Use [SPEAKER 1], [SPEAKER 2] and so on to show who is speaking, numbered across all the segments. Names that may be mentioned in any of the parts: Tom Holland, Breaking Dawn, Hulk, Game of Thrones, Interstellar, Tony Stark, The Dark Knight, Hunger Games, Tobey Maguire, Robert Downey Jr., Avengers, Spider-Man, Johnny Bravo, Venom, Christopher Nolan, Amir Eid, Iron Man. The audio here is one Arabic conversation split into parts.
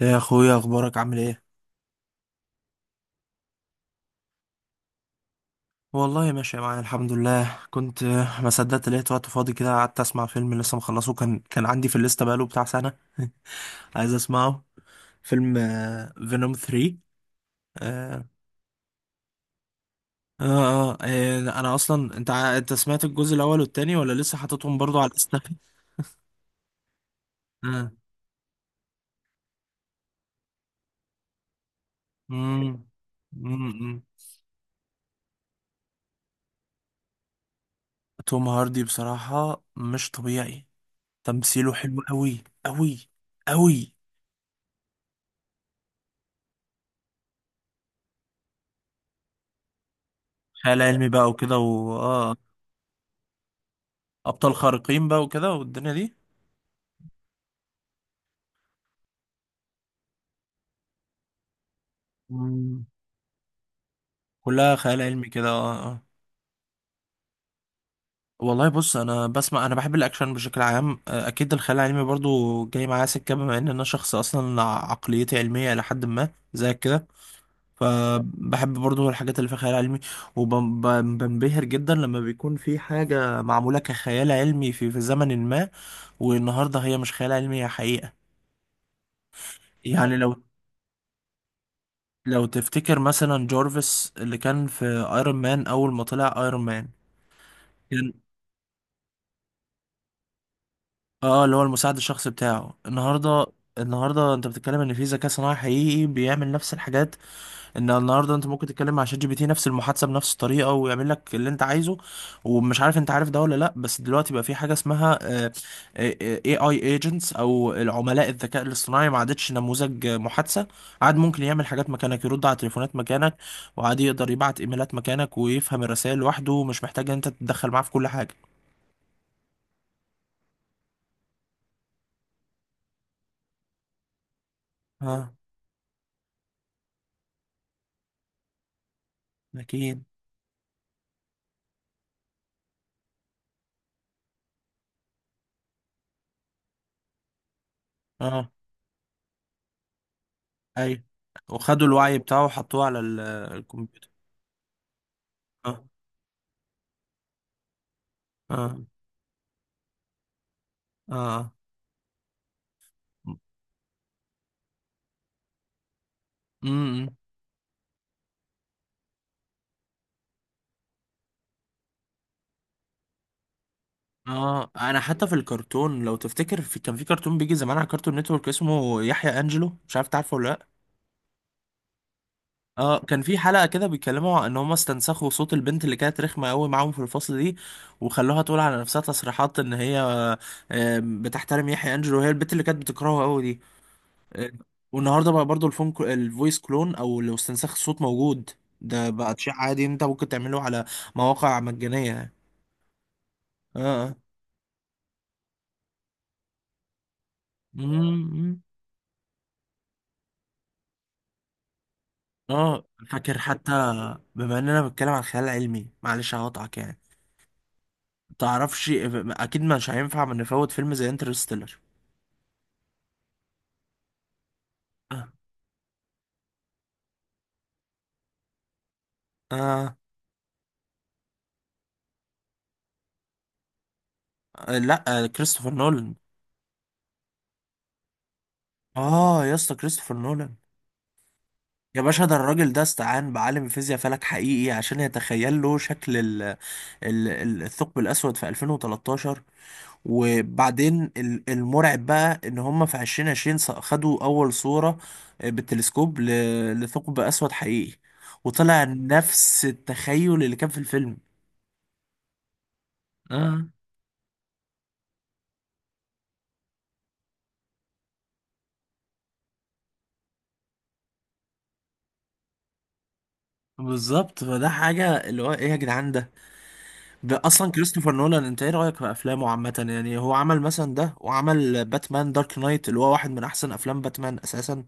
[SPEAKER 1] يا اخويا، اخبارك عامل ايه؟ والله ماشي معايا الحمد لله. كنت ما صدقت لقيت وقت فاضي كده، قعدت اسمع فيلم لسه مخلصه، كان عندي في الليسته بقاله بتاع سنه عايز اسمعه. فيلم فينوم 3. آه آه, آه, انا اصلا انت سمعت الجزء الاول والتاني ولا لسه حاططهم برضو على الليسته؟ آه. مم. مم. مم. توم هاردي بصراحه مش طبيعي، تمثيله حلو قوي قوي قوي. خيال علمي بقى وكده ابطال خارقين بقى وكده والدنيا دي. مم. كلها خيال علمي كده، اه اه. والله بص، انا بسمع، انا بحب الاكشن بشكل عام. اكيد الخيال العلمي برضو جاي معايا سكه، بما ان انا شخص اصلا عقليتي علميه الى حد ما زي كده، فبحب برضو الحاجات اللي فيها خيال علمي، وبنبهر جدا لما بيكون في حاجه معموله كخيال علمي في زمن ما، والنهارده هي مش خيال علمي، هي حقيقه. يعني لو تفتكر مثلا جورفيس اللي كان في ايرون مان اول ما طلع ايرون مان، كان اه اللي هو المساعد الشخصي بتاعه. النهارده، النهارده انت بتتكلم ان في ذكاء صناعي حقيقي بيعمل نفس الحاجات، ان النهارده انت ممكن تتكلم مع شات جي بي تي نفس المحادثه بنفس الطريقه ويعمل لك اللي انت عايزه. ومش عارف انت عارف ده ولا لا، بس دلوقتي بقى في حاجه اسمها اي اي ايجنتس، او العملاء الذكاء الاصطناعي، ما عادتش نموذج محادثه، عاد ممكن يعمل حاجات مكانك، يرد على تليفونات مكانك، وعاد يقدر يبعت ايميلات مكانك، ويفهم الرسائل لوحده، ومش محتاج ان انت تتدخل معاه في كل حاجه. اه، اكيد. اه، اي، وخدوا الوعي بتاعه وحطوه على الكمبيوتر. اه. اه. اه. امم. اه، انا حتى في الكرتون لو تفتكر كان في كرتون بيجي زمان على كرتون نتورك اسمه يحيى انجلو، مش عارف تعرفه ولا لا. اه، كان في حلقة كده بيتكلموا عن ان هم استنسخوا صوت البنت اللي كانت رخمة قوي معاهم في الفصل دي، وخلوها تقول على نفسها تصريحات ان هي بتحترم يحيى انجلو، وهي البنت اللي كانت بتكرهه قوي دي. آه، والنهارده بقى برضو الفويس كلون، او لو استنساخ الصوت، موجود. ده بقى شيء عادي، انت ممكن تعمله على مواقع مجانية يعني. اه. اه. أمم، اه فاكر حتى، بما اننا بنتكلم عن خيال علمي، معلش هقطعك يعني، تعرفش اكيد مش هينفع ما نفوت فيلم زي انترستيلر. آه. آه. لا، كريستوفر نولان. اه يا اسطى كريستوفر نولان. يا باشا، ده الراجل ده استعان بعالم فيزياء فلك حقيقي عشان يتخيل له شكل الثقب الأسود في 2013، وبعدين المرعب بقى إن هم في 2020 خدوا أول صورة بالتلسكوب لثقب أسود حقيقي، وطلع نفس التخيل اللي كان في الفيلم. اه، بالظبط، فده حاجة اللي هو ايه يا جدعان ده. ده اصلا كريستوفر نولان، انت ايه رأيك في افلامه عامة؟ يعني هو عمل مثلا ده، وعمل باتمان دارك نايت اللي هو واحد من احسن افلام باتمان اساسا.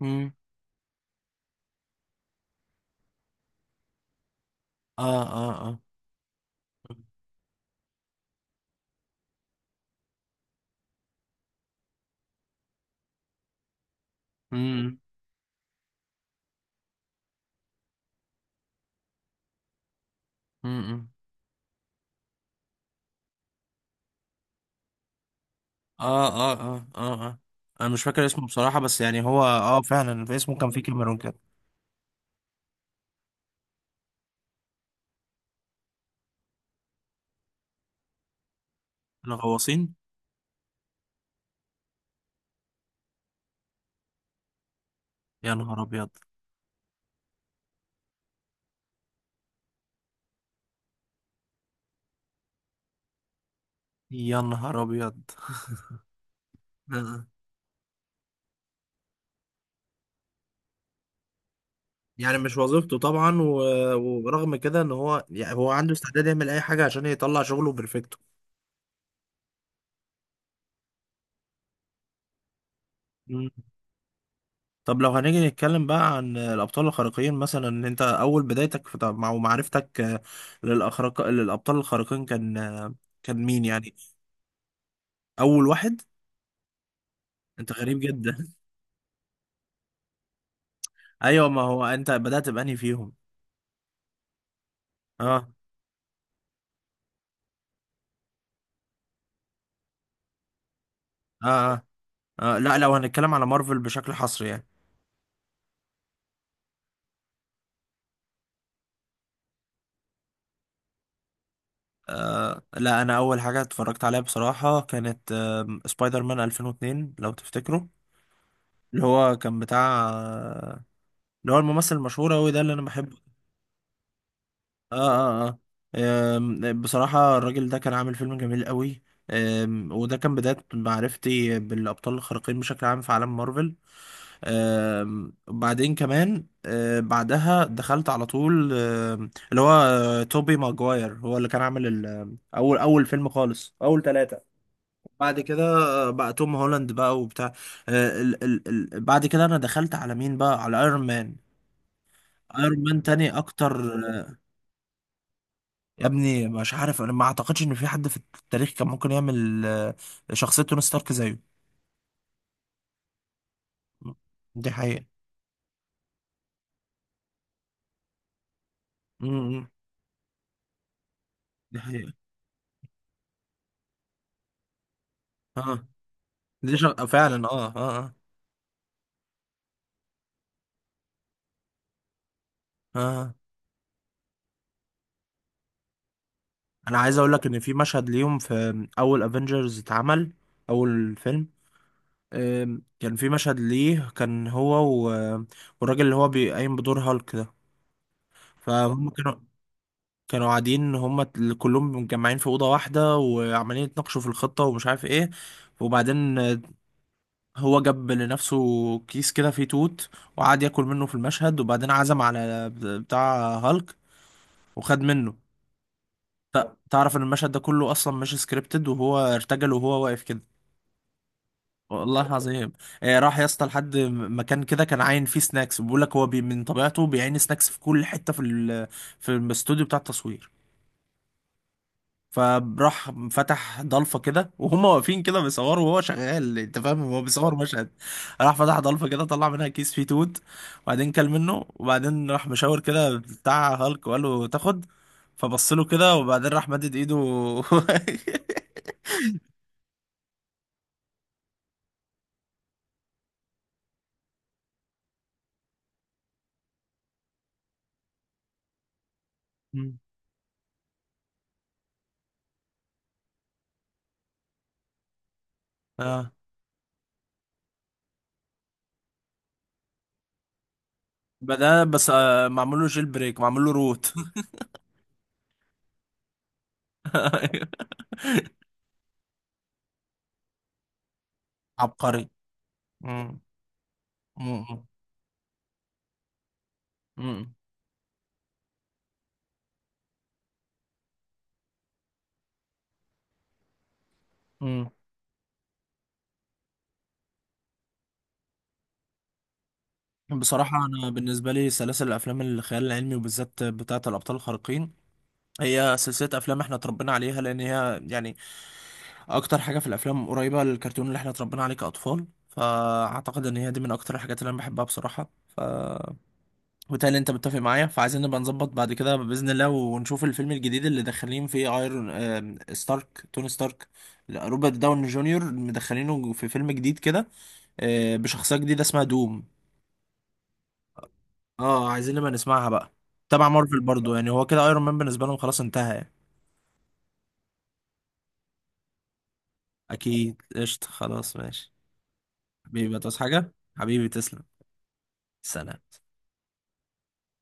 [SPEAKER 1] امم. اه. اه. اه. امم. م -م. اه اه اه اه اه، انا مش فاكر اسمه بصراحة، بس يعني هو اه فعلا في اسمه كان فيه كاميرون كده. الغواصين. يا نهار ابيض. يا نهار ابيض. آه. يعني مش وظيفته طبعا ورغم كده، ان هو يعني هو عنده استعداد يعمل اي حاجة عشان يطلع شغله بيرفكتو. مم. طب لو هنيجي نتكلم بقى عن الابطال الخارقين، مثلا ان انت اول بدايتك في مع معرفتك، للابطال الخارقين كان كان مين يعني؟ اول واحد. انت غريب جدا. ايوه، ما هو انت بدأت بأنهي فيهم؟ اه. اه. اه. لا لو هنتكلم على مارفل بشكل حصري يعني. آه لا، انا اول حاجه اتفرجت عليها بصراحه كانت آه سبايدر مان 2002 لو تفتكروا، اللي هو كان بتاع آه، اللي هو الممثل المشهور قوي ده اللي انا بحبه. اه. اه. اه، بصراحه الراجل ده كان عامل فيلم جميل قوي. وده كان بدايه معرفتي بالابطال الخارقين بشكل عام في عالم مارفل. وبعدين كمان، بعدها دخلت على طول، اللي هو توبي ماجواير هو اللي كان عامل اول فيلم خالص، اول ثلاثة. بعد كده بقى توم هولاند بقى وبتاع، آه، ال ال ال بعد كده انا دخلت على مين بقى؟ على ايرون مان. ايرون مان تاني اكتر. يا ابني مش عارف، انا ما اعتقدش ان في حد في التاريخ كان ممكن يعمل شخصية توني ستارك زيه. دي حقيقة. م- م. دي حقيقة. اه، دي شغ... فعلا اه اه. اه, آه. انا عايز اقول لك ان في مشهد ليهم في اول افنجرز اتعمل، اول فيلم. كان في مشهد ليه كان هو و- والراجل اللي هو بيقيم بدور هالك ده، فهم كانوا، كانوا قاعدين هم كلهم متجمعين في اوضه واحده وعمالين يتناقشوا في الخطه ومش عارف ايه، وبعدين هو جاب لنفسه كيس كده فيه توت، وقعد ياكل منه في المشهد، وبعدين عزم على بتاع هالك وخد منه. تعرف ان المشهد ده كله اصلا مش سكريبتد، وهو ارتجل وهو واقف كده. والله العظيم. راح يا اسطى لحد مكان كده كان عاين فيه سناكس، بيقول لك هو بي من طبيعته بيعين سناكس في كل حته في في الاستوديو بتاع التصوير. فراح فتح ضلفه كده، وهم واقفين كده بيصوروا وهو شغال، انت فاهم، هو بيصور مشهد. راح فتح ضلفه كده، طلع منها كيس فيه توت، وبعدين كل منه، وبعدين راح مشاور كده بتاع هالك وقال له تاخد، فبص له كده، وبعدين راح مدد ايده. مم. اه بدأ بس، معمول له جيل بريك، معمول له روت. عبقري. مم. مم. مم. مم. بصراحة أنا بالنسبة لي سلاسل الأفلام الخيال العلمي وبالذات بتاعة الأبطال الخارقين، هي سلسلة أفلام إحنا اتربينا عليها، لأن هي يعني أكتر حاجة في الأفلام قريبة للكرتون اللي إحنا اتربينا عليه كأطفال، فأعتقد إن هي دي من أكتر الحاجات اللي أنا بحبها بصراحة. ف وبالتالي أنت متفق معايا، فعايزين نبقى نظبط بعد كده بإذن الله ونشوف الفيلم الجديد اللي داخلين فيه، ايرون آم، ستارك توني ستارك. لا، روبرت داون جونيور مدخلينه في فيلم جديد كده، بشخصية جديدة اسمها دوم. اه عايزين نبقى نسمعها بقى. تبع مارفل برضو، يعني هو كده ايرون مان بالنسبة لهم خلاص انتهى يعني. اكيد قشطة، خلاص ماشي. حبيبي هتعوز حاجة؟ حبيبي تسلم. سلام.